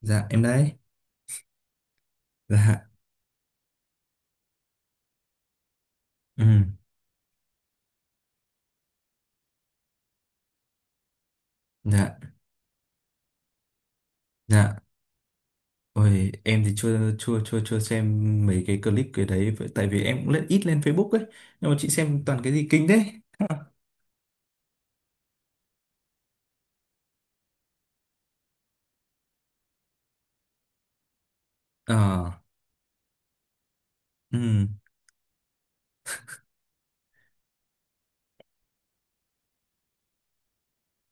Dạ, em đấy. Dạ. Ừ. Dạ. Dạ. Ôi, em thì chưa chưa chưa chưa xem mấy cái clip cái đấy tại vì em cũng ít lên Facebook ấy, nhưng mà chị xem toàn cái gì kinh đấy. Ờ. Ừ.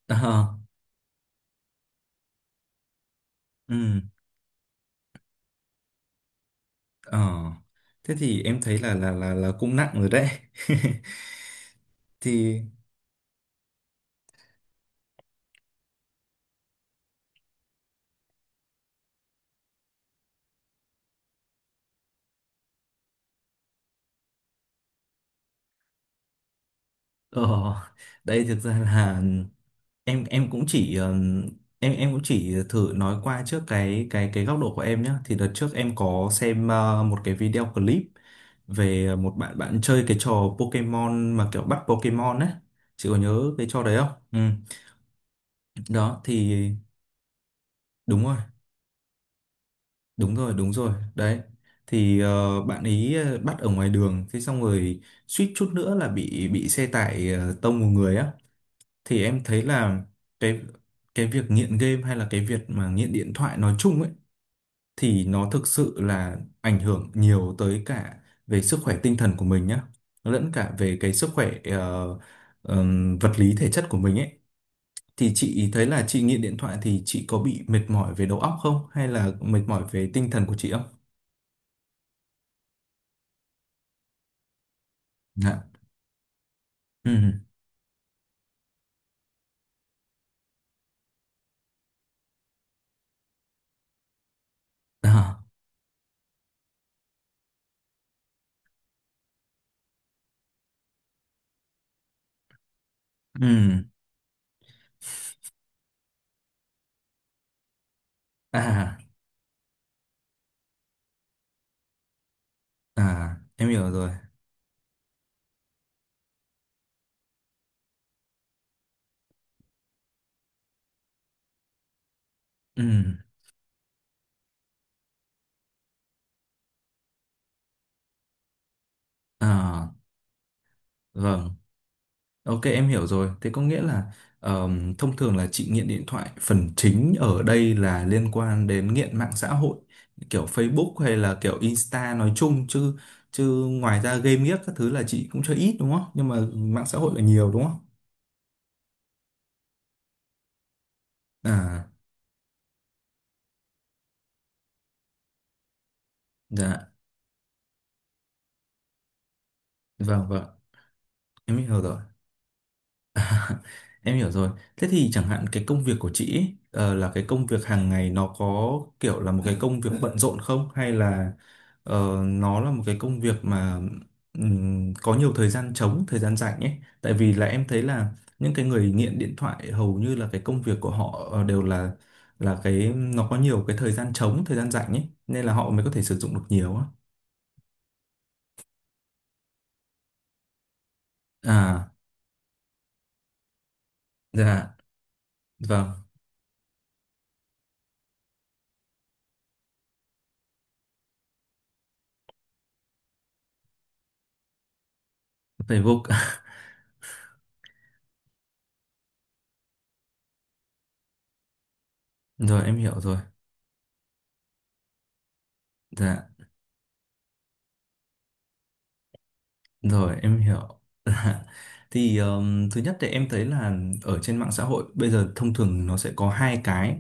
Ờ. Ừ. Ờ. Thế thì em thấy là cũng nặng rồi đấy. Thì ờ đây thực ra là em em cũng chỉ ừm, em cũng chỉ thử nói qua trước cái góc độ của em nhé. Thì đợt trước em có xem một cái video clip về một bạn bạn chơi cái trò Pokemon mà kiểu bắt Pokemon ấy. Chị có nhớ cái trò đấy không? Ừ. Đó thì đúng rồi, đúng rồi, đúng rồi đấy. Thì bạn ấy bắt ở ngoài đường thế xong rồi suýt chút nữa là bị xe tải tông một người á. Thì em thấy là cái cái việc nghiện game hay là cái việc mà nghiện điện thoại nói chung ấy, thì nó thực sự là ảnh hưởng nhiều tới cả về sức khỏe tinh thần của mình nhá, lẫn cả về cái sức khỏe vật lý thể chất của mình ấy. Thì chị thấy là chị nghiện điện thoại thì chị có bị mệt mỏi về đầu óc không, hay là mệt mỏi về tinh thần của chị không? Dạ. Ừ. À. Ừ. À, à, em hiểu rồi. Ừ. À. Vâng. OK, em hiểu rồi. Thế có nghĩa là thông thường là chị nghiện điện thoại phần chính ở đây là liên quan đến nghiện mạng xã hội kiểu Facebook hay là kiểu Insta nói chung chứ. Chứ ngoài ra game ghiếc các thứ là chị cũng chơi ít đúng không? Nhưng mà mạng xã hội là nhiều đúng không? À. Dạ. Vâng, vâng, em hiểu rồi. Em hiểu rồi. Thế thì chẳng hạn cái công việc của chị ấy, là cái công việc hàng ngày, nó có kiểu là một cái công việc bận rộn không? Hay là nó là một cái công việc mà có nhiều thời gian trống, thời gian rảnh ấy? Tại vì là em thấy là những cái người nghiện điện thoại hầu như là cái công việc của họ đều là cái nó có nhiều cái thời gian trống, thời gian rảnh ấy, nên là họ mới có thể sử dụng được nhiều á. À. Dạ. Vâng. Facebook. Rồi, em hiểu rồi. Dạ. Rồi, em hiểu. Thì thứ nhất thì em thấy là ở trên mạng xã hội bây giờ thông thường nó sẽ có hai cái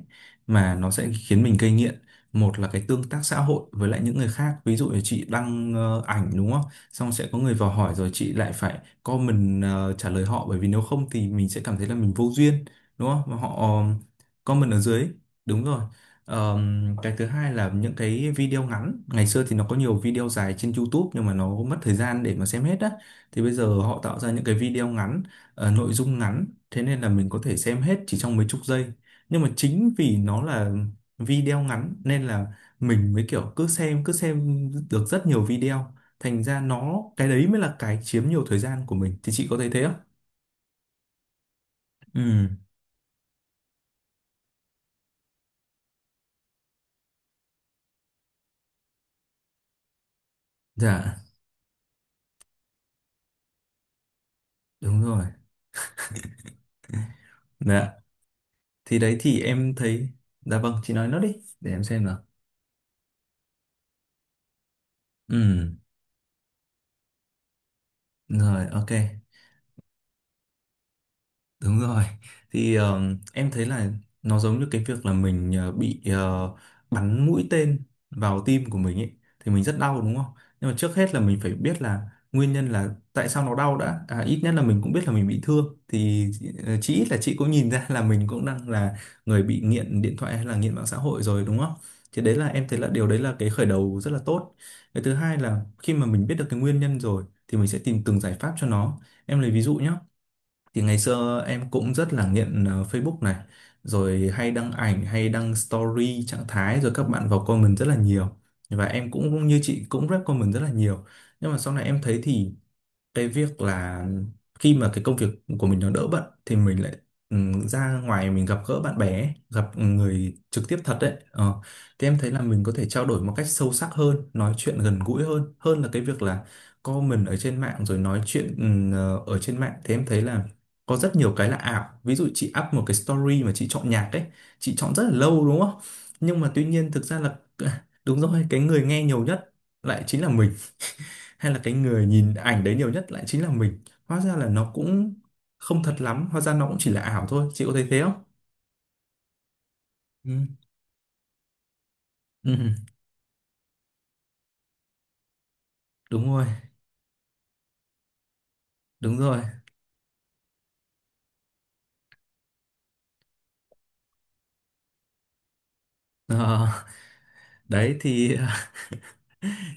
mà nó sẽ khiến mình gây nghiện. Một là cái tương tác xã hội với lại những người khác. Ví dụ là chị đăng ảnh đúng không? Xong sẽ có người vào hỏi rồi chị lại phải comment trả lời họ, bởi vì nếu không thì mình sẽ cảm thấy là mình vô duyên đúng không? Mà họ comment ở dưới. Đúng rồi. Cái thứ hai là những cái video ngắn. Ngày xưa thì nó có nhiều video dài trên YouTube nhưng mà nó mất thời gian để mà xem hết á, thì bây giờ họ tạo ra những cái video ngắn, nội dung ngắn, thế nên là mình có thể xem hết chỉ trong mấy chục giây. Nhưng mà chính vì nó là video ngắn nên là mình mới kiểu cứ xem được rất nhiều video, thành ra nó cái đấy mới là cái chiếm nhiều thời gian của mình. Thì chị có thấy thế không? Ừ. Dạ, đúng rồi. Dạ. Thì đấy thì em thấy. Dạ vâng, chị nói nốt đi. Để em xem nào. Ừ, rồi, OK. Đúng rồi. Thì em thấy là nó giống như cái việc là mình bị bắn mũi tên vào tim của mình ấy, thì mình rất đau đúng không? Nhưng mà trước hết là mình phải biết là nguyên nhân là tại sao nó đau đã. À, ít nhất là mình cũng biết là mình bị thương, thì chí ít là chị cũng nhìn ra là mình cũng đang là người bị nghiện điện thoại hay là nghiện mạng xã hội rồi đúng không? Thì đấy là em thấy là điều đấy là cái khởi đầu rất là tốt. Cái thứ hai là khi mà mình biết được cái nguyên nhân rồi thì mình sẽ tìm từng giải pháp cho nó. Em lấy ví dụ nhé, thì ngày xưa em cũng rất là nghiện Facebook này, rồi hay đăng ảnh, hay đăng story, trạng thái, rồi các bạn vào comment rất là nhiều. Và em cũng như chị cũng rep comment rất là nhiều. Nhưng mà sau này em thấy thì cái việc là khi mà cái công việc của mình nó đỡ bận thì mình lại ra ngoài mình gặp gỡ bạn bè ấy, gặp người trực tiếp thật đấy, thì em thấy là mình có thể trao đổi một cách sâu sắc hơn, nói chuyện gần gũi hơn hơn là cái việc là comment ở trên mạng rồi nói chuyện ở trên mạng, thì em thấy là có rất nhiều cái là ảo. Ví dụ chị up một cái story mà chị chọn nhạc ấy, chị chọn rất là lâu đúng không? Nhưng mà tuy nhiên thực ra là đúng rồi, cái người nghe nhiều nhất lại chính là mình, hay là cái người nhìn ảnh đấy nhiều nhất lại chính là mình. Hóa ra là nó cũng không thật lắm, hóa ra nó cũng chỉ là ảo thôi. Chị có thấy thế không? Ừ. Ừ, đúng rồi, đúng rồi. Ờ, đấy thì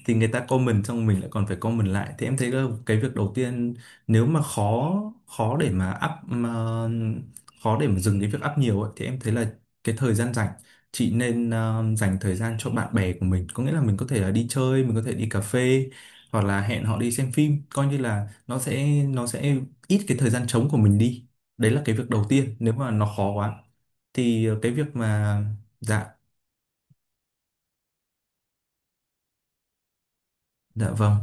người ta comment xong mình lại còn phải comment lại. Thì em thấy là cái việc đầu tiên, nếu mà khó khó để mà up, mà khó để mà dừng cái việc up nhiều ấy, thì em thấy là cái thời gian rảnh chị nên dành thời gian cho bạn bè của mình. Có nghĩa là mình có thể là đi chơi, mình có thể đi cà phê, hoặc là hẹn họ đi xem phim, coi như là nó sẽ ít cái thời gian trống của mình đi. Đấy là cái việc đầu tiên. Nếu mà nó khó quá thì cái việc mà. Dạ. Dạ vâng.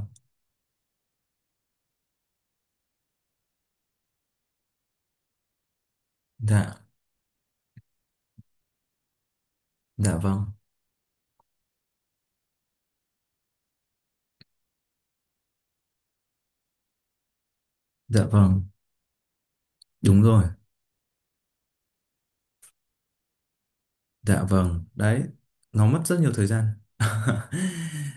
Dạ. Dạ vâng. Dạ vâng, đúng rồi. Dạ vâng, đấy, nó mất rất nhiều thời gian.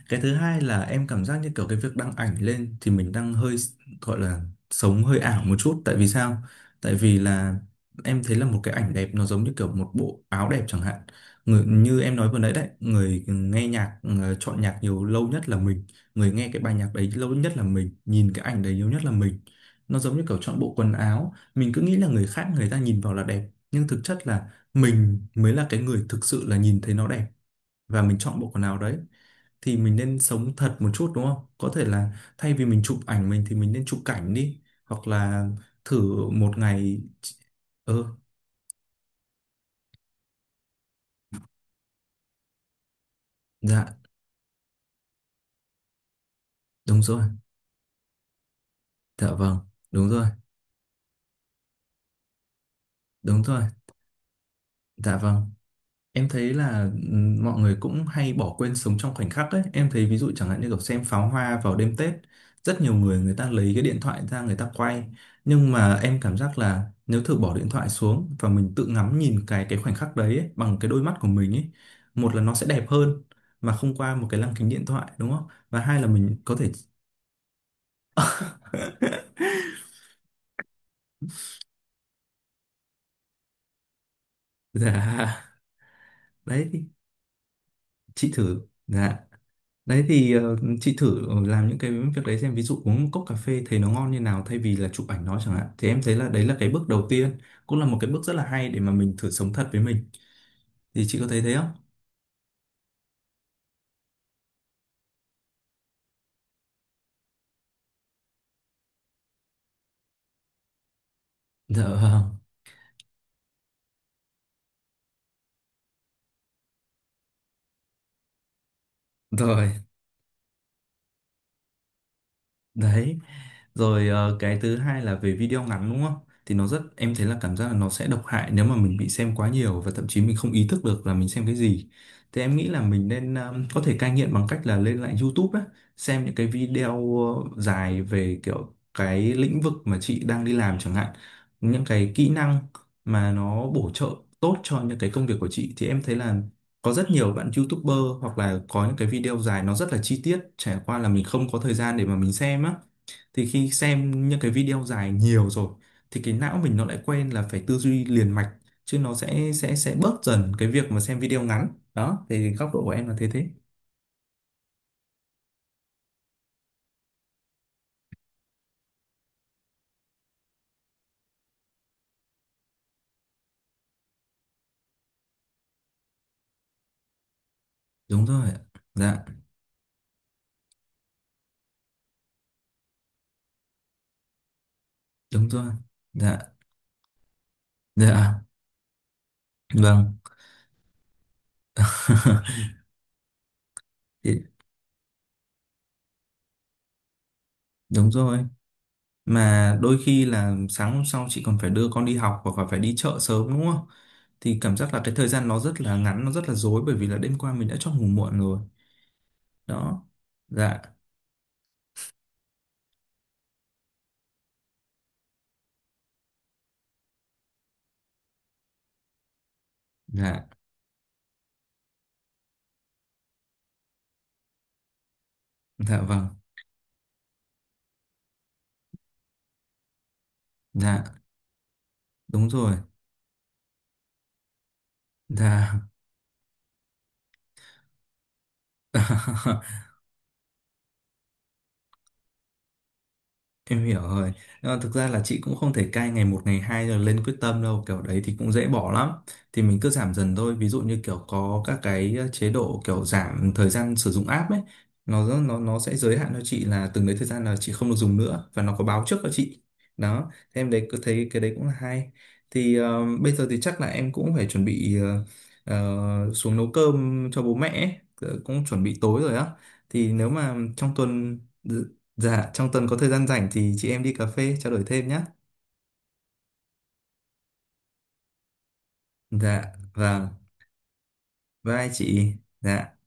Cái thứ hai là em cảm giác như kiểu cái việc đăng ảnh lên thì mình đang hơi gọi là sống hơi ảo một chút. Tại vì sao? Tại vì là em thấy là một cái ảnh đẹp nó giống như kiểu một bộ áo đẹp chẳng hạn. Người, như em nói vừa nãy đấy, người nghe nhạc, chọn nhạc nhiều lâu nhất là mình. Người nghe cái bài nhạc đấy lâu nhất là mình, nhìn cái ảnh đấy nhiều nhất là mình. Nó giống như kiểu chọn bộ quần áo. Mình cứ nghĩ là người khác, người ta nhìn vào là đẹp. Nhưng thực chất là mình mới là cái người thực sự là nhìn thấy nó đẹp, và mình chọn bộ quần áo đấy. Thì mình nên sống thật một chút đúng không? Có thể là thay vì mình chụp ảnh mình thì mình nên chụp cảnh đi, hoặc là thử một ngày. Ừ. Dạ, đúng rồi. Dạ vâng. Đúng rồi, đúng rồi. Dạ vâng. Em thấy là mọi người cũng hay bỏ quên sống trong khoảnh khắc ấy. Em thấy ví dụ chẳng hạn như kiểu xem pháo hoa vào đêm Tết, rất nhiều người, người ta lấy cái điện thoại ra người ta quay. Nhưng mà em cảm giác là nếu thử bỏ điện thoại xuống và mình tự ngắm nhìn cái khoảnh khắc đấy ấy, bằng cái đôi mắt của mình ấy, một là nó sẽ đẹp hơn mà không qua một cái lăng kính điện thoại đúng không? Và hai là mình có thể dạ, đấy, chị thử. Dạ. Đấy thì chị thử làm những cái việc đấy xem, ví dụ uống một cốc cà phê thấy nó ngon như nào thay vì là chụp ảnh nó chẳng hạn, thì em thấy là đấy là cái bước đầu tiên, cũng là một cái bước rất là hay để mà mình thử sống thật với mình. Thì chị có thấy thế không? Dạ vâng. Rồi đấy. Rồi, cái thứ hai là về video ngắn đúng không? Thì nó em thấy là cảm giác là nó sẽ độc hại nếu mà mình bị xem quá nhiều và thậm chí mình không ý thức được là mình xem cái gì. Thì em nghĩ là mình nên có thể cai nghiện bằng cách là lên lại YouTube á, xem những cái video dài về kiểu cái lĩnh vực mà chị đang đi làm chẳng hạn, những cái kỹ năng mà nó bổ trợ tốt cho những cái công việc của chị. Thì em thấy là có rất nhiều bạn YouTuber hoặc là có những cái video dài nó rất là chi tiết, trải qua là mình không có thời gian để mà mình xem á. Thì khi xem những cái video dài nhiều rồi thì cái não mình nó lại quen là phải tư duy liền mạch, chứ nó sẽ bớt dần cái việc mà xem video ngắn. Đó thì góc độ của em là thế. Thế đúng rồi ạ. Dạ, đúng rồi. Dạ. Dạ vâng. Thì- Đúng rồi. Mà đôi khi là sáng hôm sau chị còn phải đưa con đi học hoặc là phải đi chợ sớm đúng không? Thì cảm giác là cái thời gian nó rất là ngắn, nó rất là rối, bởi vì là đêm qua mình đã cho ngủ muộn rồi. Đó. Dạ. Dạ. Dạ vâng. Dạ, đúng rồi. Là Em hiểu rồi. Nhưng mà thực ra là chị cũng không thể cai ngày một ngày hai rồi lên quyết tâm đâu, kiểu đấy thì cũng dễ bỏ lắm. Thì mình cứ giảm dần thôi. Ví dụ như kiểu có các cái chế độ kiểu giảm thời gian sử dụng app ấy, nó sẽ giới hạn cho chị là từng đấy thời gian là chị không được dùng nữa và nó có báo trước cho chị. Đó. Thế em đấy cứ thấy cái đấy cũng là hay. Thì bây giờ thì chắc là em cũng phải chuẩn bị xuống nấu cơm cho bố mẹ ấy. Ờ, Cũng chuẩn bị tối rồi á. Thì nếu mà trong tuần. Dạ, trong tuần có thời gian rảnh thì chị em đi cà phê trao đổi thêm nhé. Dạ, vâng. Bye chị. Dạ.